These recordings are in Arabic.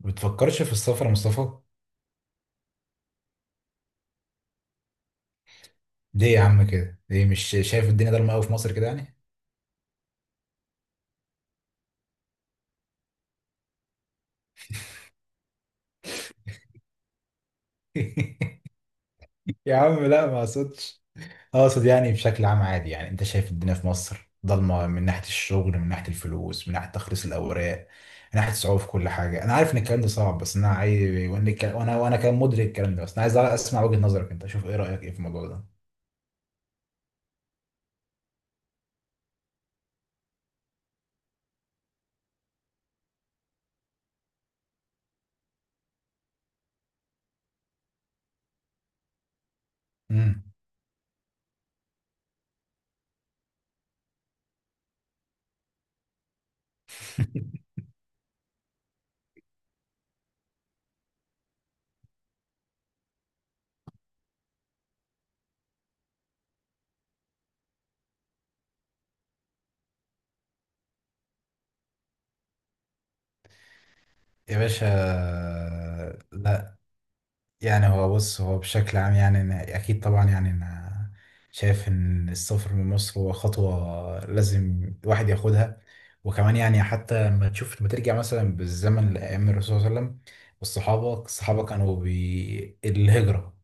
ما بتفكرش في السفر يا مصطفى؟ ليه يا عم كده؟ ليه مش شايف الدنيا ضلمه قوي في مصر كده يعني؟ يا عم لا ما اقصدش، اقصد يعني بشكل عام عادي. يعني انت شايف الدنيا في مصر ضلمه من ناحيه الشغل، من ناحيه الفلوس، من ناحيه تخليص الاوراق، من ناحيه الصعوبه في كل حاجه. انا عارف ان الكلام ده صعب، بس انا عايز، وانا الكلام- وانا وأنا كان مدرك الكلام ده، بس انا عايز اسمع وجهه نظرك انت. شوف ايه رايك ايه في الموضوع ده. امم يا باشا، لا يعني هو بص، هو بشكل عام يعني أنا أكيد طبعا، يعني أنا شايف إن السفر من مصر هو خطوة لازم الواحد ياخدها. وكمان يعني حتى لما تشوف، لما ترجع مثلا بالزمن لأيام الرسول صلى الله عليه وسلم، والصحابة كانوا بالهجرة.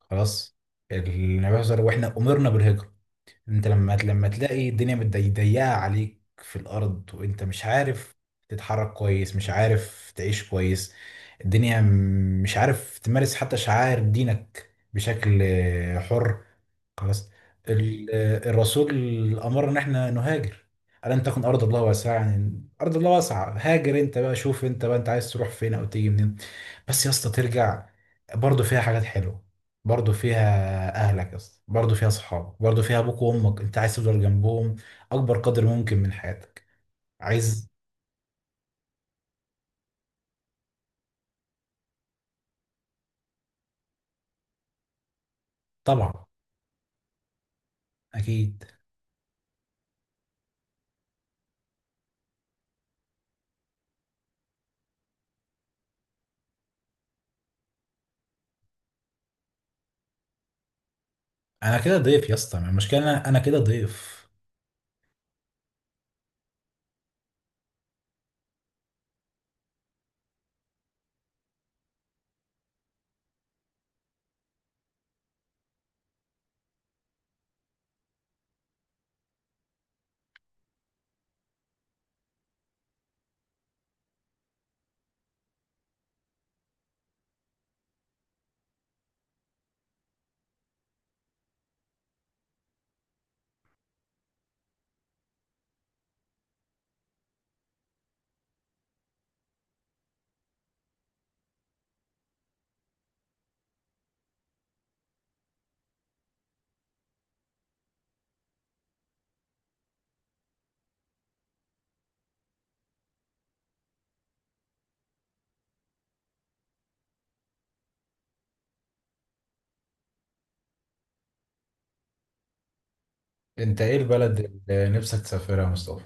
خلاص، النبي صلى الله عليه وسلم وإحنا أمرنا بالهجرة. انت لما تلاقي الدنيا ضيقه عليك في الارض، وانت مش عارف تتحرك كويس، مش عارف تعيش كويس الدنيا، مش عارف تمارس حتى شعائر دينك بشكل حر. خلاص، ال- الرسول امرنا ان احنا نهاجر. الم تكن ارض الله واسعه؟ يعني ارض الله واسعه، هاجر انت بقى. شوف انت بقى انت عايز تروح فين او تيجي منين. بس يا اسطى، ترجع برضه فيها حاجات حلوه، برضه فيها اهلك يا اسطى، برضه فيها صحابك، برضه فيها ابوك وامك، انت عايز تفضل جنبهم اكبر قدر ممكن من حياتك. عايز طبعا، اكيد. انا كده ضيف يا اسطى، المشكله انا، أنا كده ضيف. انت ايه البلد اللي نفسك تسافرها يا مصطفى؟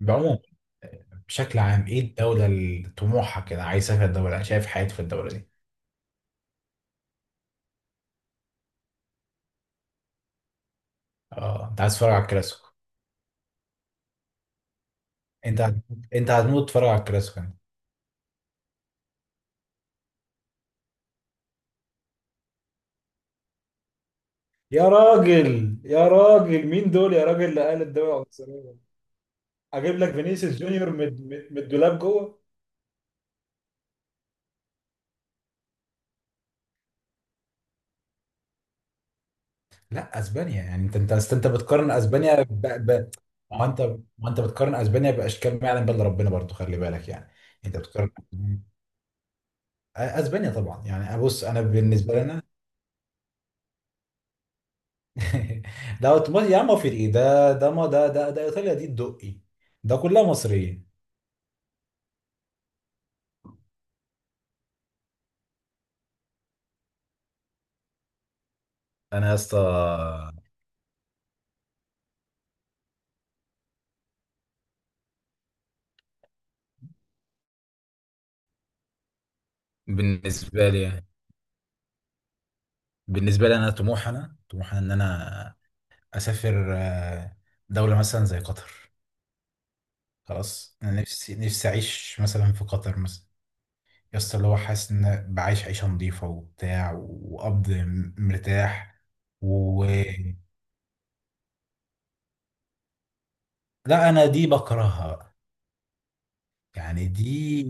بعموم، بشكل عام، ايه الدولة اللي طموحها كده، عايز اسافر الدولة شايف حياتي في الدولة دي. اه، انت عايز تتفرج على الكلاسيكو؟ انت هت- انت هتموت تتفرج على الكلاسيكو انت. يا راجل يا راجل، مين دول يا راجل اللي قال الدوري العنصرية؟ اجيب لك فينيسيوس جونيور من الدولاب جوه. لا اسبانيا يعني، انت أصل انت بتقارن اسبانيا ما هو انت، ما انت بتقارن اسبانيا باشكال ما يعلم بها ربنا، برضو خلي بالك يعني. انت بتقارن اسبانيا طبعا، يعني بص انا بالنسبه لنا. ده اوتوماتيك يا عم، وفي ايه ده، ده ما ده ده ده ايطاليا دي الدقي، ده كلها مصريه. انا يا اسطى بالنسبه لي، انا طموحي، انا طموحي ان انا اسافر دوله مثلا زي قطر. خلاص انا نفسي اعيش مثلا في قطر مثلا يا اسطى. اللي هو حاسس ان بعيش عيشه نظيفه وبتاع، وقبض مرتاح. و لا انا دي بكرهها بقى. يعني دي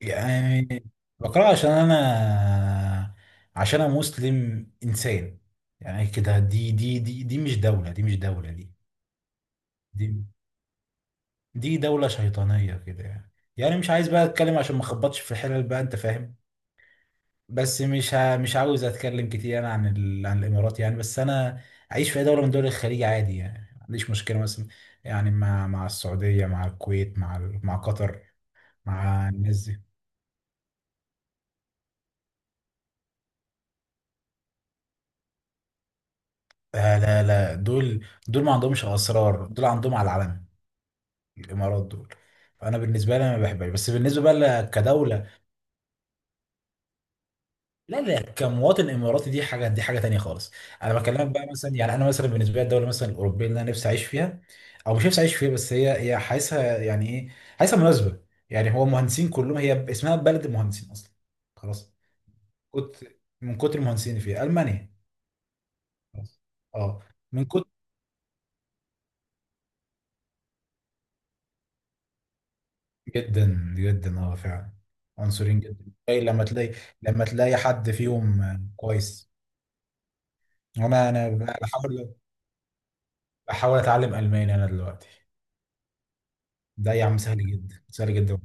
يعني بقرأ، عشان أنا مسلم، إنسان يعني كده. دي مش دولة، دي، دي دولة شيطانية كده يعني. يعني مش عايز بقى أتكلم عشان ما أخبطش في الحلل بقى، أنت فاهم. بس مش عاوز أتكلم كتير أنا عن عن الإمارات يعني. بس أنا أعيش في أي دولة من دول الخليج عادي يعني، ما عنديش مشكلة مثلا. يعني مع السعودية، مع الكويت، مع مع قطر، مع الناس. لا لا لا، دول ما عندهمش اسرار، دول عندهم على العلن. الامارات دول، فانا بالنسبه لي أنا ما بحبهاش، بس بالنسبه بقى كدوله. لا لا، كمواطن اماراتي دي حاجه، دي حاجه تانية خالص. انا بكلمك بقى مثلا يعني، انا مثلا بالنسبه لي الدوله مثلا الاوروبيه اللي انا نفسي اعيش فيها، او مش نفسي اعيش فيها، بس هي حاسسها يعني ايه، حاسسها مناسبه. يعني هو مهندسين كلهم، اسمها بلد المهندسين اصلا. خلاص، كنت من كتر المهندسين اللي فيها، المانيا. خلاص. اه، من كتر، جدا جدا اه فعلا، عنصرين جدا. اي لما تلاقي، لما تلاقي حد فيهم كويس. وانا بحاول، بحاول اتعلم الماني انا دلوقتي. ده يا عم سهل جدا، سهل جدا.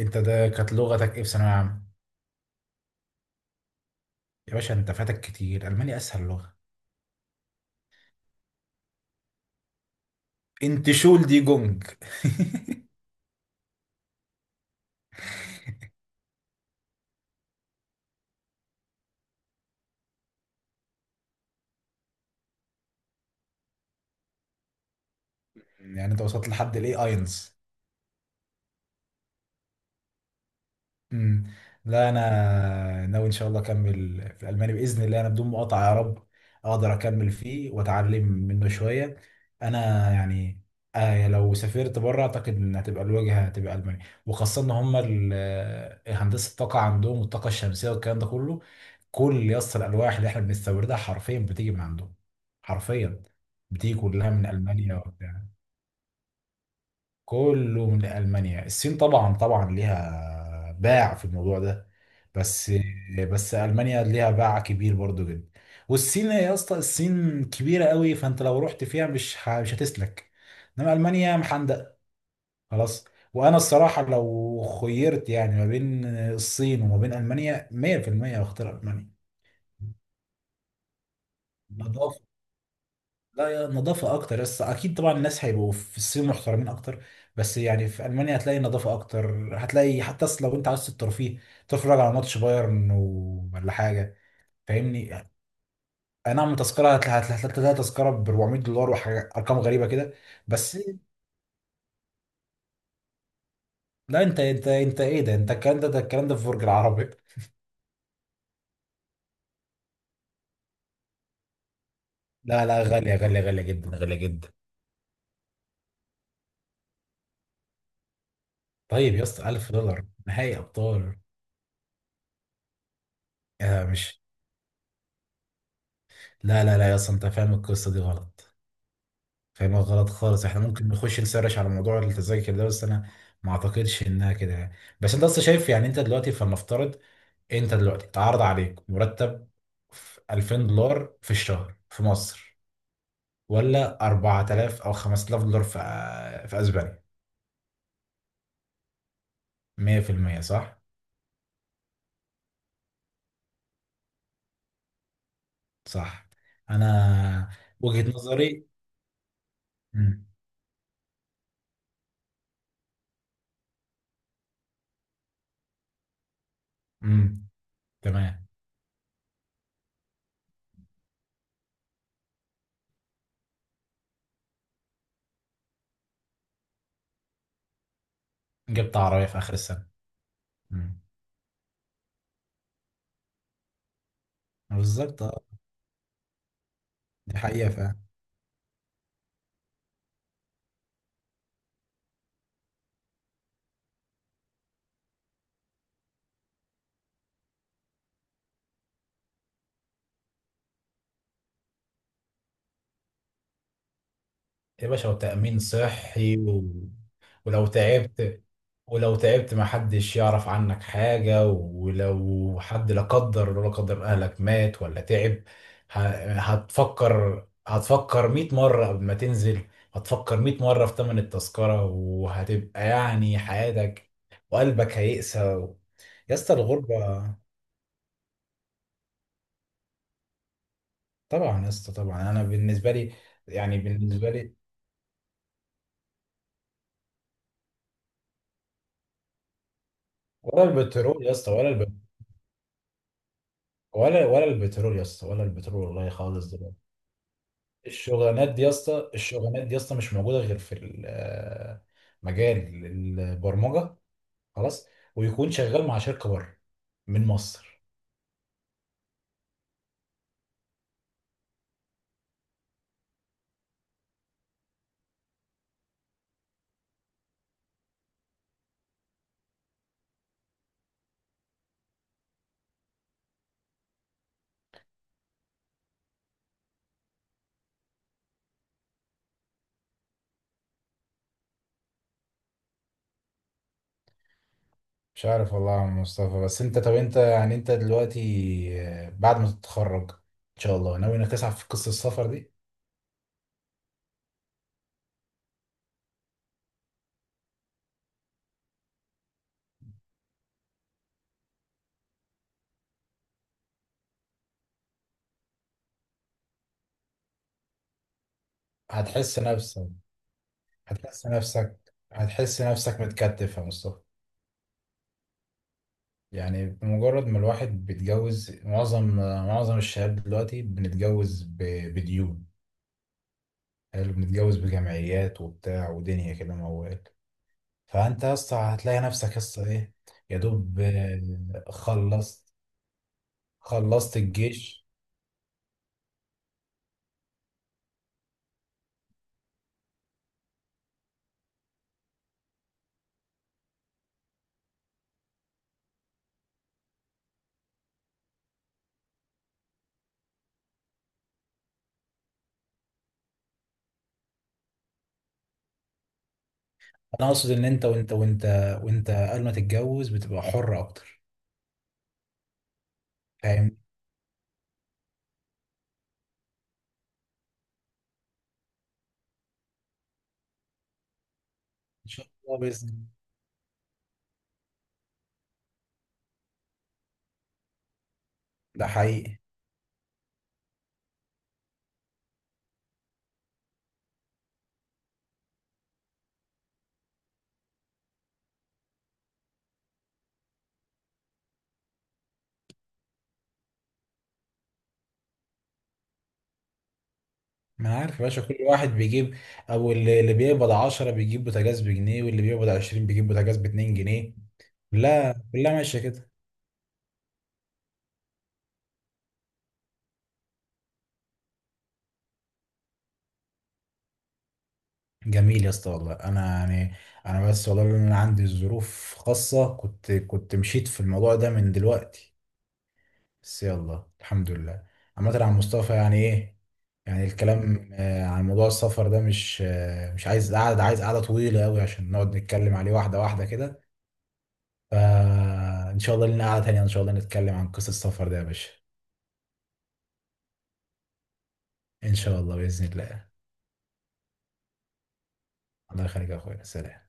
انت ده كانت لغتك ايه في ثانويه عامه؟ يا باشا انت فاتك كتير، الماني اسهل لغه. انت شول دي جونج. يعني انت وصلت لحد الاي اينز. امم لا انا ناوي ان شاء الله اكمل في الالماني باذن الله، انا بدون مقاطعه يا رب اقدر اكمل فيه واتعلم منه شويه. انا يعني آه، لو سافرت بره اعتقد ان هتبقى الواجهه هتبقى المانيا، وخاصه ان هم هندسه الطاقه عندهم والطاقه الشمسيه والكلام ده كله. كل يص الالواح اللي احنا بنستوردها حرفيا بتيجي من عندهم، حرفيا بتيجي كلها من المانيا وبتاع. كله من ألمانيا. الصين طبعا طبعا ليها باع في الموضوع ده، بس ألمانيا ليها باع كبير برضو جدا. والصين يا اسطى، الصين كبيرة قوي فأنت لو رحت فيها مش هتسلك. إنما ألمانيا محندق. خلاص. وأنا الصراحة لو خيرت يعني ما بين الصين وما بين ألمانيا 100% هختار ألمانيا. نظافة، لا يا، نظافة أكتر. بس أكيد طبعا الناس هيبقوا في الصين محترمين أكتر، بس يعني في ألمانيا هتلاقي نظافة أكتر، هتلاقي حتى أصل لو أنت عايز الترفيه تتفرج على ماتش بايرن ولا حاجة، فاهمني. أي نعم، تذكرة هتلاقي تذكرة ب 400 دولار وحاجة، أرقام غريبة كده. بس لا أنت إيه ده؟ أنت الكلام ده، ده الكلام ده في برج العرب. لا لا، غالية، غالية جدا، غالية جدا. طيب يا اسطى 1000 دولار نهائي أبطال؟ آه مش، لا لا لا يا اسطى، أنت فاهم القصة دي غلط، فاهمها غلط خالص. احنا ممكن نخش نسرش على موضوع التذاكر ده، بس انا ما اعتقدش انها كده يعني. بس انت اصلا شايف يعني، انت دلوقتي فلنفترض انت دلوقتي اتعرض عليك مرتب في 2000 دولار في الشهر في مصر، ولا 4000 او 5000 دولار في في اسبانيا. 100% صح. صح، انا وجهة نظري. امم تمام. جبت عربية في اخر السنة. امم بالظبط اه. دي حقيقة. يا باشا، وتأمين صحي ولو تعبت، ولو تعبت ما حدش يعرف عنك حاجة. ولو حد لا قدر لا قدر أهلك مات ولا تعب، ه... هتفكر، هتفكر 100 مرة قبل ما تنزل، هتفكر 100 مرة في تمن التذكرة، وهتبقى يعني حياتك وقلبك هيقسى يا اسطى، الغربة طبعا يا اسطى. طبعا أنا بالنسبة لي، يعني بالنسبة لي، ولا البترول يا اسطى، ولا ولا، ولا البترول يا اسطى، ولا البترول والله خالص دلوقتي. الشغلانات دي يا اسطى، الشغلانات دي يا اسطى مش موجوده غير في مجال البرمجه. خلاص، ويكون شغال مع شركه بره من مصر. مش عارف والله يا عم مصطفى، بس انت طب انت يعني، انت دلوقتي بعد ما تتخرج ان شاء الله، ناوي انك تسعى في قصه السفر دي؟ هتحس نفسك، هتحس نفسك، هتحس نفسك متكتف يا مصطفى. يعني بمجرد ما الواحد بيتجوز، معظم الشباب دلوقتي بنتجوز بديون. حلو، بنتجوز بجمعيات وبتاع ودنيا كده موال. فانت يا اسطى هتلاقي نفسك يا اسطى ايه. يا دوب خلصت، خلصت الجيش. انا اقصد ان انت وانت قبل ما تتجوز بتبقى حر اكتر، فاهم. ان شاء الله باذن الله. ده حقيقي. ما أنا عارف يا باشا، كل واحد بيجيب، او اللي بيقبض 10 بيجيب بوتاجاز بجنيه، واللي بيقبض 20 بيجيب بوتاجاز ب 2 جنيه. لا كلها ماشيه كده. جميل يا اسطى، والله انا يعني، انا بس والله لأن انا عندي ظروف خاصه كنت، كنت مشيت في الموضوع ده من دلوقتي. بس يلا الحمد لله. عامه عن مصطفى يعني ايه، يعني الكلام عن موضوع السفر ده مش مش عايز قعد، عايز قعده طويله قوي عشان نقعد نتكلم عليه واحده واحده كده. فان شاء الله لنا قعده تانيه ان شاء الله نتكلم عن قصه السفر ده يا باشا. ان شاء الله باذن الله. الله يخليك يا اخويا، سلام.